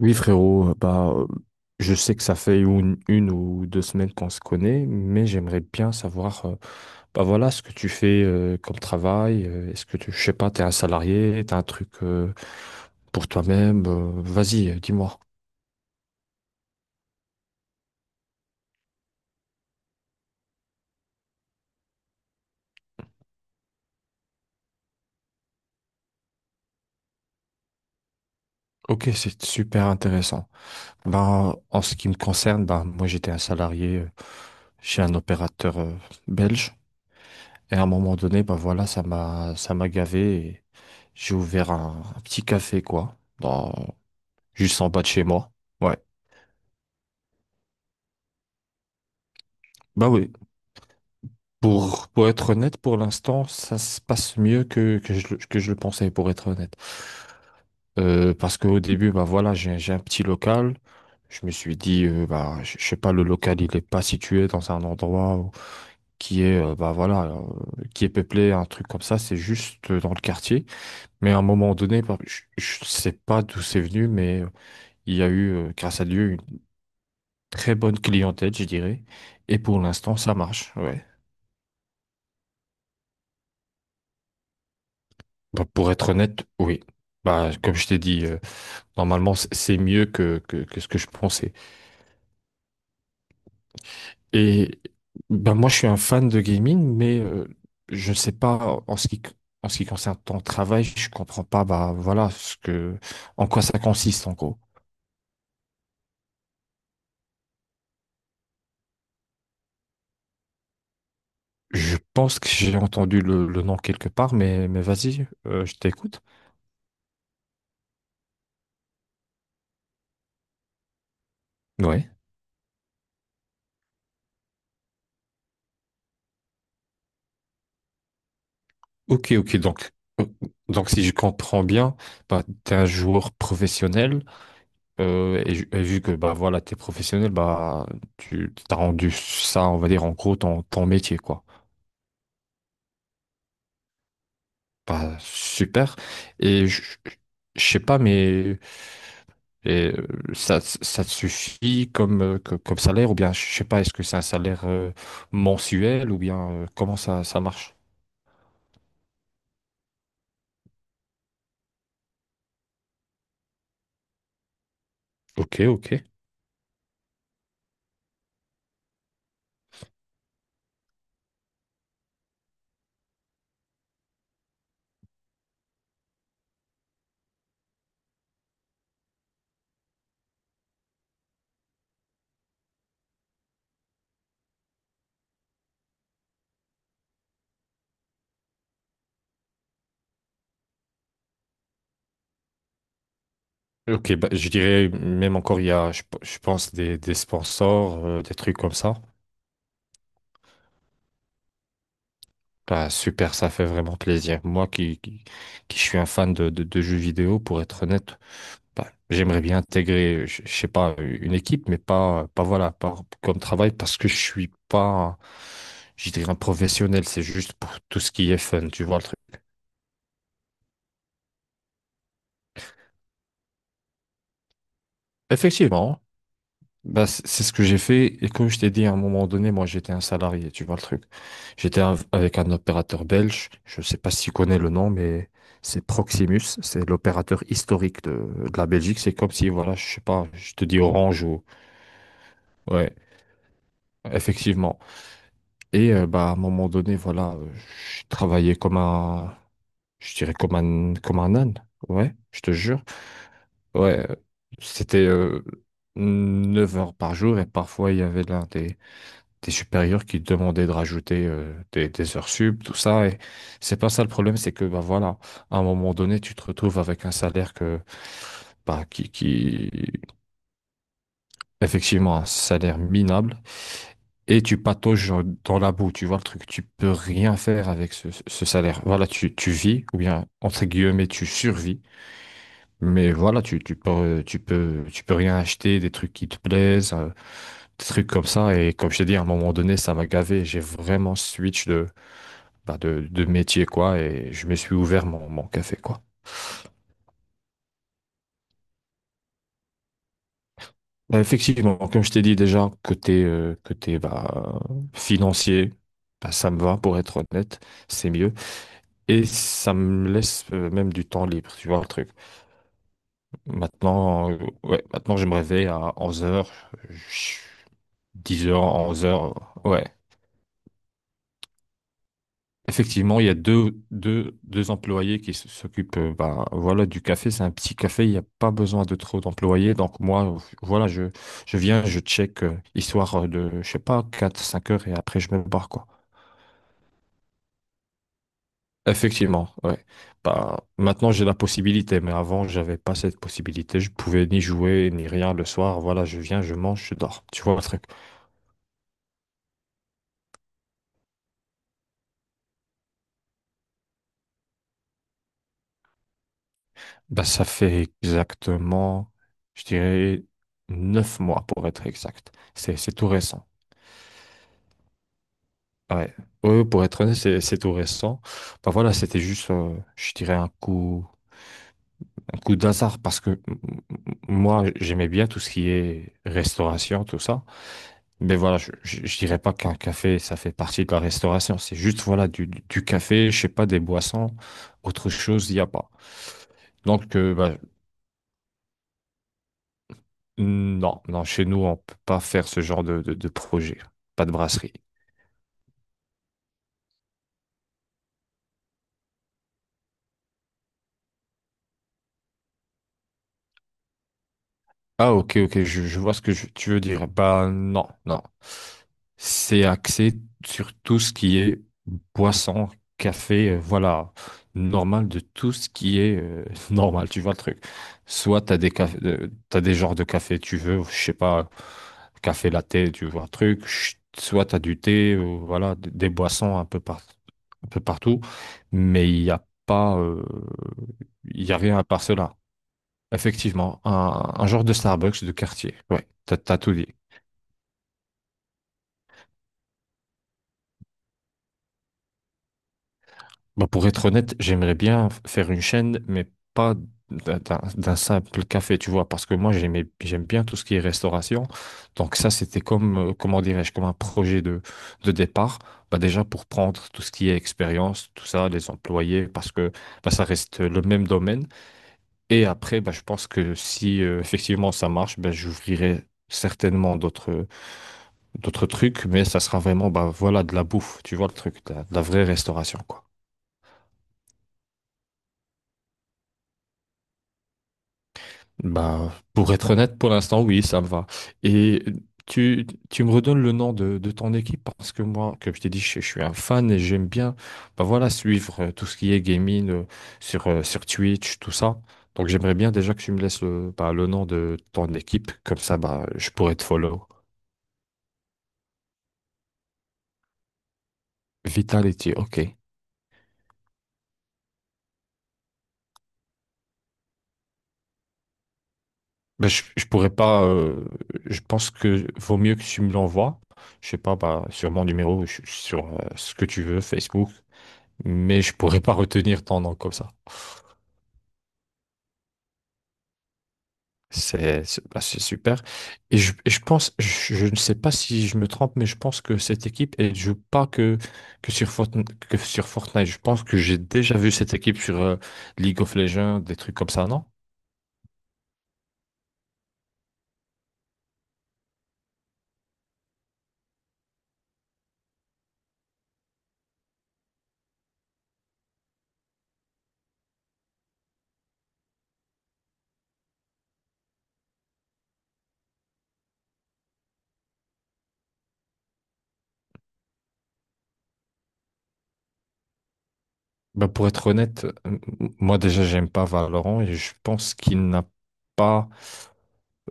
Oui, frérot, je sais que ça fait une ou deux semaines qu'on se connaît, mais j'aimerais bien savoir, bah voilà, ce que tu fais comme travail. Est-ce que tu, je sais pas, t'es un salarié, t'as un truc pour toi-même. Vas-y, dis-moi. Ok, c'est super intéressant. Ben, en ce qui me concerne, ben, moi j'étais un salarié chez un opérateur belge. Et à un moment donné, ben voilà, ça m'a gavé et j'ai ouvert un petit café, quoi. Juste en bas de chez moi. Ouais. Bah oui. Pour être honnête, pour l'instant, ça se passe mieux que je le pensais, pour être honnête. Parce qu'au début, bah voilà, j'ai un petit local. Je me suis dit, je sais pas, le local, il est pas situé dans un endroit qui est, bah voilà, qui est peuplé, un truc comme ça, c'est juste dans le quartier. Mais à un moment donné, bah, je sais pas d'où c'est venu, mais il y a eu, grâce à Dieu, une très bonne clientèle, je dirais. Et pour l'instant, ça marche. Ouais. Bah, pour être honnête, oui. Bah, comme je t'ai dit, normalement, c'est mieux que ce que je pensais. Et bah, moi, je suis un fan de gaming, mais je ne sais pas, en ce qui concerne ton travail, je comprends pas, bah, voilà, en quoi ça consiste, en gros. Je pense que j'ai entendu le nom quelque part, mais vas-y, je t'écoute. Ouais. Ok, ok. Euh, donc si je comprends bien, bah, tu es un joueur professionnel. Et vu que bah voilà, t'es professionnel, bah tu t'as rendu ça, on va dire en gros ton métier quoi. Bah super. Et je sais pas, mais et, euh, ça ça te suffit comme comme salaire ou bien je sais pas, est-ce que c'est un salaire mensuel ou bien comment ça ça marche? Ok, ok. Ok, bah, je dirais même encore il y a, je pense des sponsors, des trucs comme ça. Bah, super, ça fait vraiment plaisir. Qui suis un fan de jeux vidéo, pour être honnête, bah, j'aimerais bien intégrer, je sais pas, une équipe, pas voilà, pas comme travail parce que je suis pas, je dirais, un professionnel. C'est juste pour tout ce qui est fun, tu vois le truc. Effectivement. Bah, c'est ce que j'ai fait. Et comme je t'ai dit, à un moment donné, moi, j'étais un salarié, tu vois le truc. Avec un opérateur belge. Je sais pas si tu connais le nom, mais c'est Proximus. C'est l'opérateur historique de la Belgique. C'est comme si, voilà, je sais pas, je te dis Orange ou... Ouais, effectivement. Et à un moment donné, voilà, je travaillais comme un... Je dirais comme un âne. Ouais, je te jure. Ouais, euh, C'était... 9 heures par jour et parfois il y avait l'un des supérieurs qui te demandaient de rajouter des heures sub, tout ça. Et c'est pas ça le problème, c'est que bah voilà, à un moment donné, tu te retrouves avec un salaire que bah, qui effectivement un salaire minable et tu patauges dans la boue, tu vois le truc, tu peux rien faire avec ce, ce salaire. Voilà, tu vis, ou bien entre guillemets, tu survis, mais voilà, tu peux rien acheter, des trucs qui te plaisent, des trucs comme ça. Et comme je t'ai dit, à un moment donné, ça m'a gavé. J'ai vraiment switch de, bah, de métier, quoi, et je me suis ouvert mon, mon café, quoi. Bah, effectivement, comme je t'ai dit déjà, côté, côté bah, financier, bah, ça me va, pour être honnête, c'est mieux. Et ça me laisse même du temps libre, tu vois le truc. Maintenant, ouais, maintenant je me réveille à 11 heures, 10 heures 11 heures. Ouais. Effectivement, il y a deux employés s'occupent bah, voilà, du café. C'est un petit café, il n'y a pas besoin de trop d'employés. Donc moi, voilà, je viens, je check, histoire je sais pas, 4 5 heures et après je me barre, quoi. Effectivement, ouais. Bah, maintenant j'ai la possibilité, mais avant j'avais pas cette possibilité. Je pouvais ni jouer ni rien le soir. Voilà, je viens, je mange, je dors. Tu vois le truc? Bah, ça fait exactement, je dirais, 9 mois pour être exact. C'est tout récent. Ouais. Ouais, pour être honnête, c'est tout récent. Bah voilà, c'était juste, je dirais, un coup d'hasard parce que moi, j'aimais bien tout ce qui est restauration, tout ça. Mais voilà, je dirais pas qu'un café, ça fait partie de la restauration. C'est juste, voilà, du café, je sais pas, des boissons, autre chose, il n'y a pas. Donc, non, non, chez nous, on peut pas faire ce genre de projet. Pas de brasserie. Ah, ok, ok, je vois ce tu veux dire. Bah, non, non. C'est axé sur tout ce qui est boisson, café, voilà, normal de tout ce qui est normal, tu vois le truc. Soit t'as des cafés, t'as des genres de café tu veux, je sais pas, café latte, tu vois le truc. Soit t'as du thé, ou voilà, des boissons un peu un peu partout, mais il n'y a pas, il y a rien à part cela. Effectivement, un genre de Starbucks de quartier. Ouais, t'as tout dit. Bah, pour être honnête, j'aimerais bien faire une chaîne, mais pas d'un simple café, tu vois, parce que moi, j'aime bien tout ce qui est restauration. Donc ça, c'était comme, comment dirais-je, comme un projet de départ. Bah, déjà, pour prendre tout ce qui est expérience, tout ça, les employés, parce que bah, ça reste le même domaine. Et après, bah, je pense que si effectivement ça marche, bah, j'ouvrirai certainement d'autres d'autres trucs, mais ça sera vraiment bah, voilà, de la bouffe, tu vois le truc, de la vraie restauration, quoi. Bah, pour être honnête, pour l'instant, oui, ça me va. Et tu, tu me redonnes le nom de ton équipe parce que moi, comme je t'ai dit, je suis un fan et j'aime bien bah, voilà, suivre tout ce qui est gaming sur Twitch, tout ça. Donc j'aimerais bien déjà que tu me laisses le, bah, le nom de ton équipe, comme ça bah, je pourrais te follow. Vitality, ok. Ben, je pourrais pas. Je pense que vaut mieux que tu me l'envoies. Je sais pas, bah, sur mon numéro, je- sur ce que tu veux, Facebook. Mais je pourrais pas retenir ton nom comme ça. Bah, c'est super. Et je pense, je ne sais pas si je me trompe, mais je pense que cette équipe, elle joue pas que, que sur Fortnite. Je pense que j'ai déjà vu cette équipe sur League of Legends, des trucs comme ça, non? Bah, pour être honnête, moi déjà j'aime pas Valorant et je pense qu'il n'a pas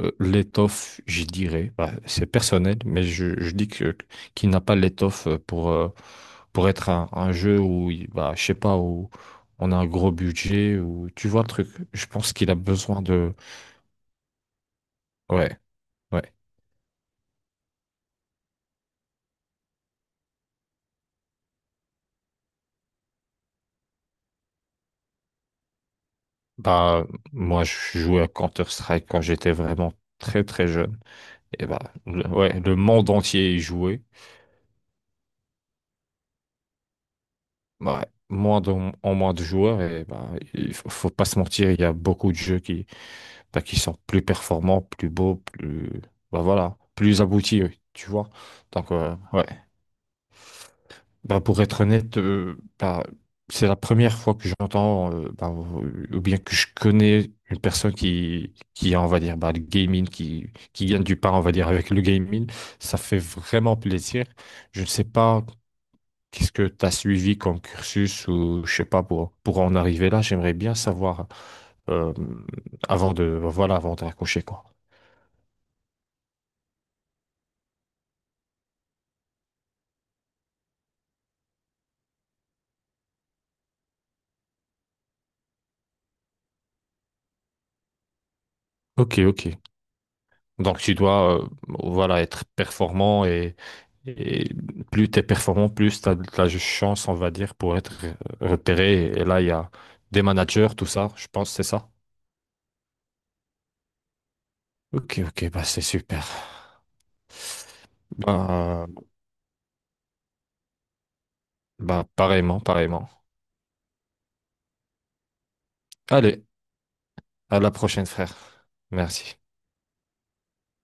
l'étoffe, je dirais. Bah, c'est personnel, mais je dis que qu'il n'a pas l'étoffe pour être un jeu où bah je sais pas où on a un gros budget ou tu vois le truc. Je pense qu'il a besoin de ouais. Ouais. Bah moi je jouais à Counter-Strike quand j'étais vraiment très très jeune et bah ouais le monde entier y jouait. Ouais, en moins de joueurs et bah, faut pas se mentir, il y a beaucoup de jeux qui, bah, qui sont plus performants, plus beaux, plus bah, voilà, plus aboutis, oui, tu vois. Donc ouais, bah, pour être honnête, c'est la première fois que j'entends ou bien que je connais une personne qui a, on va dire bah, le gaming qui gagne du pain, on va dire avec le gaming, ça fait vraiment plaisir. Je ne sais pas qu'est-ce que tu as suivi comme cursus ou je sais pas pour, pour en arriver là, j'aimerais bien savoir euh, avant de voilà avant de raccrocher quoi. Ok, ok. Donc tu dois voilà être performant et plus tu es performant, plus tu as de la chance, on va dire, pour être repéré. Et là, il y a des managers, tout ça, je pense, c'est ça. Ok, ok, bah c'est super. Bah, Bah pareillement, pareillement. Allez, à la prochaine, frère. Merci.